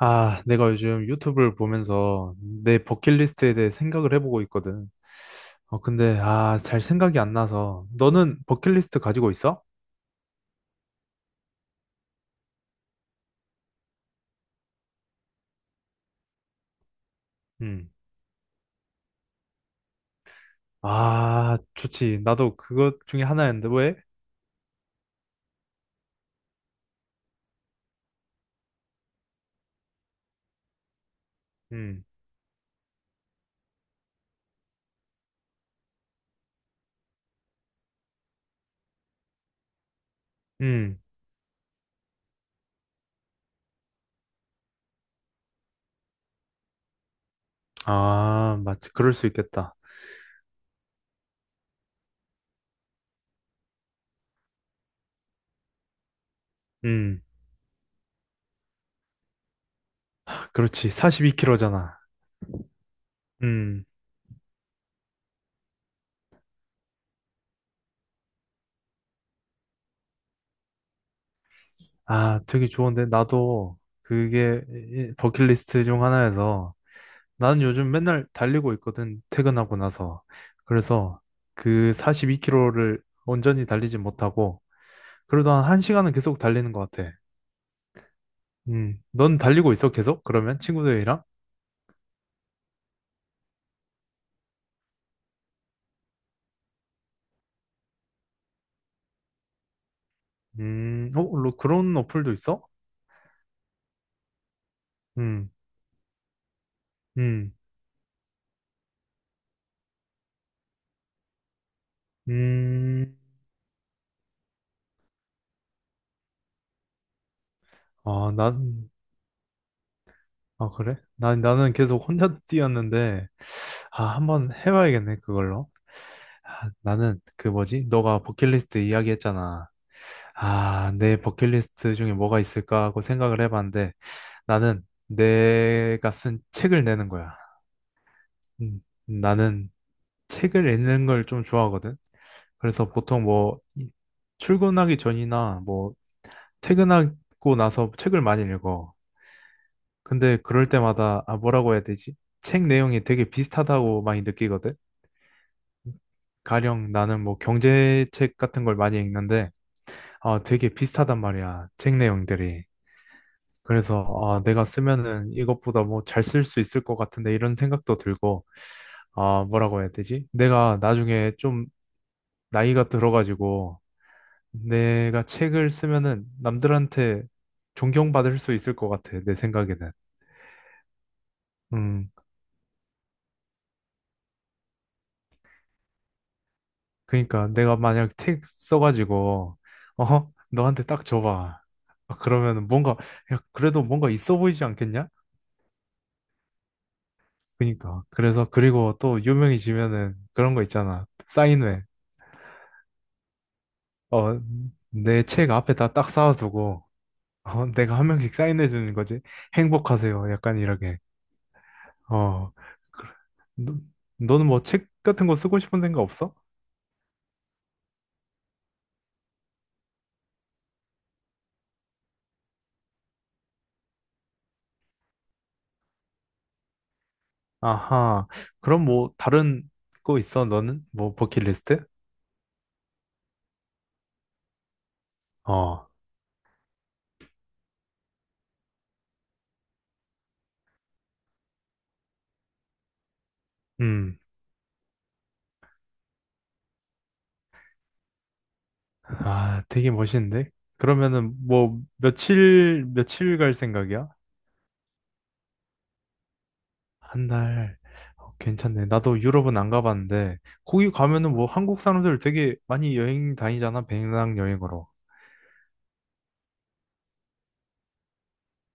아, 내가 요즘 유튜브를 보면서 내 버킷리스트에 대해 생각을 해보고 있거든. 잘 생각이 안 나서. 너는 버킷리스트 가지고 있어? 음. 아, 좋지. 나도 그것 중에 하나였는데, 왜? 음, 음. 아, 맞지. 그럴 수 있겠다. 음, 그렇지. 42kg잖아. 음. 아, 되게 좋은데. 나도 그게 버킷리스트 중 하나여서. 나는 요즘 맨날 달리고 있거든, 퇴근하고 나서. 그래서 그 42km를 온전히 달리지 못하고, 그래도 한 1시간은 계속 달리는 것 같아. 넌 달리고 있어, 계속? 그러면 친구들이랑? 그런 어플도 있어? 음, 음, 음, 아, 난, 아, 그래? 나는 계속 혼자 뛰었는데, 아, 한번 해봐야겠네, 그걸로. 아, 나는, 그 뭐지? 너가 버킷리스트 이야기 했잖아. 아, 내 버킷리스트 중에 뭐가 있을까 하고 생각을 해봤는데, 나는 내가 쓴 책을 내는 거야. 나는 책을 읽는 걸 좀 좋아하거든. 그래서 보통 뭐, 출근하기 전이나 뭐, 퇴근하고 나서 책을 많이 읽어. 근데 그럴 때마다 아 뭐라고 해야 되지? 책 내용이 되게 비슷하다고 많이 느끼거든. 가령 나는 뭐 경제책 같은 걸 많이 읽는데 아 되게 비슷하단 말이야. 책 내용들이. 그래서 아 내가 쓰면은 이것보다 뭐 잘 쓸 수 있을 것 같은데 이런 생각도 들고 아 뭐라고 해야 되지? 내가 나중에 좀 나이가 들어가지고 내가 책을 쓰면은 남들한테 존경받을 수 있을 것 같아. 내 생각에는. 음. 그러니까 내가 만약 택 써가지고 어 너한테 딱 줘봐 아, 그러면 뭔가 야 그래도 뭔가 있어 보이지 않겠냐? 그러니까 그래서 그리고 또 유명해지면은 그런 거 있잖아 사인회 어내 책 앞에다 딱 쌓아두고 어 내가 한 명씩 사인해 주는 거지 행복하세요 약간 이렇게 어 그- 너, 너는 뭐 책 같은 거 쓰고 싶은 생각 없어? 아하 그럼 뭐 다른 거 있어 너는 뭐 버킷리스트? 어 음. 아, 되게 멋있는데? 그러면은 뭐 며칠 며칠 갈 생각이야? 한 달. 어, 괜찮네. 나도 유럽은 안 가봤는데 거기 가면은 뭐 한국 사람들 되게 많이 여행 다니잖아. 배낭여행으로.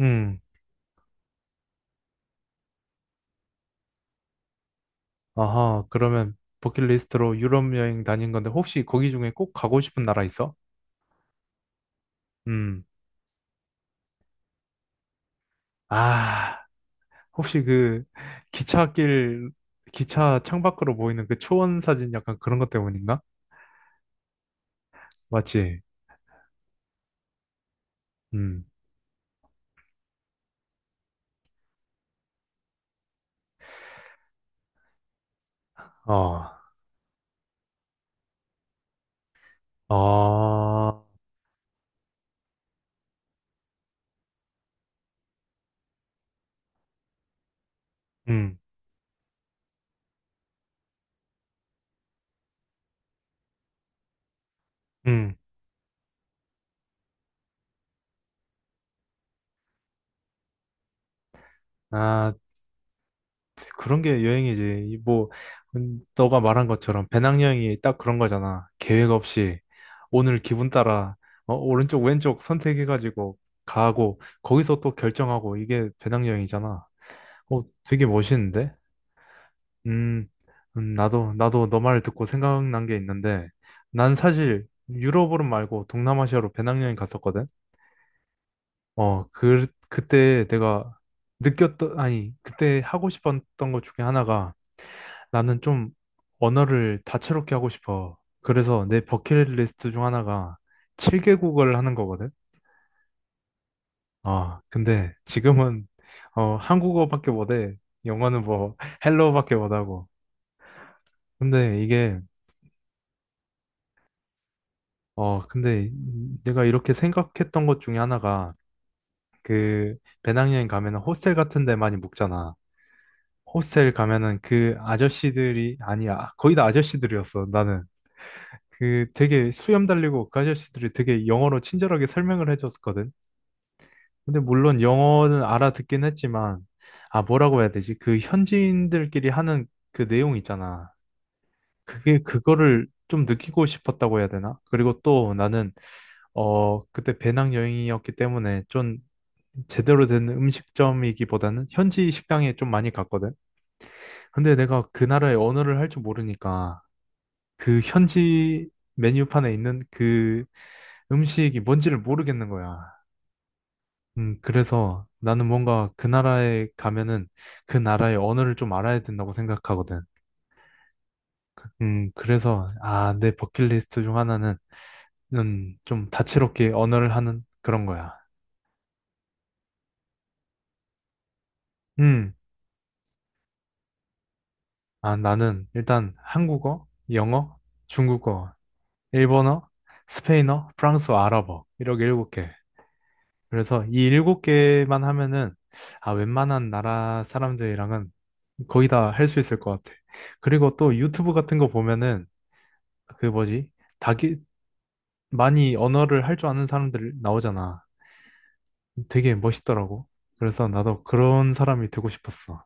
음. 아하. 그러면 버킷리스트로 유럽 여행 다닌 건데 혹시 거기 중에 꼭 가고 싶은 나라 있어? 음. 아, 혹시 그 기차길 기차 창밖으로 보이는 그 초원 사진 약간 그런 것 때문인가? 맞지? 음. 어. 아, 음, 음. 아, 그런 게 여행이지. 이 뭐, 너가 말한 것처럼 배낭여행이 딱 그런 거잖아. 계획 없이 오늘 기분 따라 어, 오른쪽, 왼쪽 선택해가지고 가고 거기서 또 결정하고 이게 배낭여행이잖아. 어, 되게 멋있는데? 음, 나도 너말 듣고 생각난 게 있는데 난 사실 유럽으로 말고 동남아시아로 배낭여행 갔었거든. 어, 그때 내가 느꼈던, 아니, 그때 하고 싶었던 것 중에 하나가 나는 좀 언어를 다채롭게 하고 싶어. 그래서 내 버킷리스트 중 하나가 7개국어를 하는 거거든. 아, 근데 지금은 어, 한국어밖에 못해. 영어는 뭐 헬로우밖에 못하고. 근데 이게, 어, 근데 내가 이렇게 생각했던 것 중에 하나가 그 배낭여행 가면 은 호스텔 같은 데 많이 묵잖아. 호스텔 가면은 그 아저씨들이 아니야 거의 다 아저씨들이었어 나는 그 되게 수염 달리고 그 아저씨들이 되게 영어로 친절하게 설명을 해줬거든 근데 물론 영어는 알아듣긴 했지만 아 뭐라고 해야 되지 그 현지인들끼리 하는 그 내용 있잖아 그게 그거를 좀 느끼고 싶었다고 해야 되나 그리고 또 나는 어 그때 배낭여행이었기 때문에 좀 제대로 된 음식점이기보다는 현지 식당에 좀 많이 갔거든 근데 내가 그 나라의 언어를 할 줄 모르니까 그 현지 메뉴판에 있는 그 음식이 뭔지를 모르겠는 거야. 그래서 나는 뭔가 그 나라에 가면은 그 나라의 언어를 좀 알아야 된다고 생각하거든. 그래서 아, 내 버킷리스트 중 하나는 좀 다채롭게 언어를 하는 그런 거야. 음, 아, 나는 일단 한국어, 영어, 중국어, 일본어, 스페인어, 프랑스어, 아랍어 이렇게 일곱 개. 그래서 이 일곱 개만 하면은 아 웬만한 나라 사람들이랑은 거의 다 할 수 있을 것 같아. 그리고 또 유튜브 같은 거 보면은 그 뭐지? 다기 많이 언어를 할 줄 아는 사람들 나오잖아. 되게 멋있더라고. 그래서 나도 그런 사람이 되고 싶었어.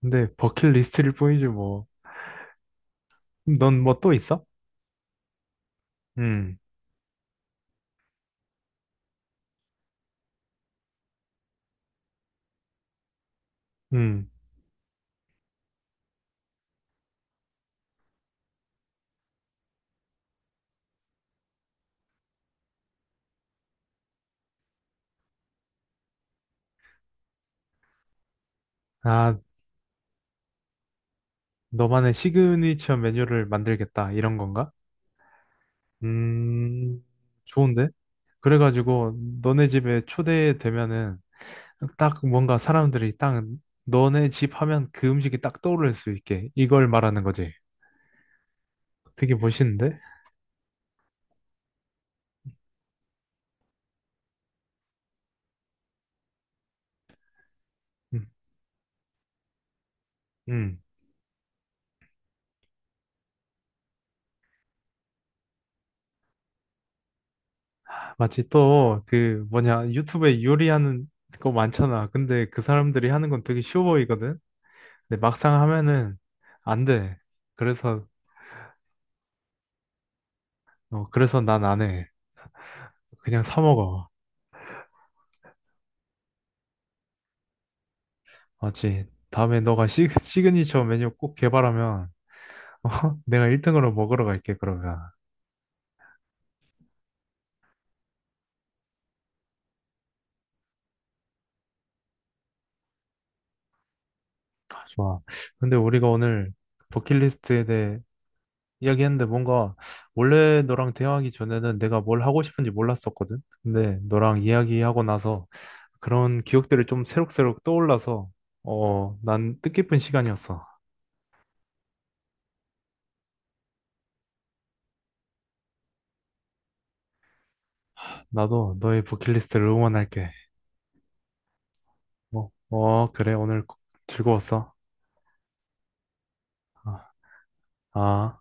근데 버킷리스트일 뿐이지 뭐. 넌 뭐 또 있어? 음, 음. 아, 너만의 시그니처 메뉴를 만들겠다 이런 건가? 음, 좋은데? 그래가지고 너네 집에 초대되면은 딱 뭔가 사람들이 딱 너네 집 하면 그 음식이 딱 떠오를 수 있게 이걸 말하는 거지. 되게 멋있는데? 음, 음. 마치 또 그 뭐냐 유튜브에 요리하는 거 많잖아. 근데 그 사람들이 하는 건 되게 쉬워 보이거든. 근데 막상 하면은 안 돼. 그래서 어, 그래서 난 안 해. 그냥 사 먹어. 맞지? 다음에 너가 시그니처 메뉴 꼭 개발하면 어? 내가 1등으로 먹으러 갈게, 그러면. 아, 좋아. 근데 우리가 오늘 버킷리스트에 대해 이야기했는데 뭔가 원래 너랑 대화하기 전에는 내가 뭘 하고 싶은지 몰랐었거든. 근데 너랑 이야기하고 나서 그런 기억들이 좀 새록새록 떠올라서 어, 난 뜻깊은 시간이었어. 나도 너의 버킷리스트를 응원할게. 어, 어, 그래. 오늘 즐거웠어. 아. 아.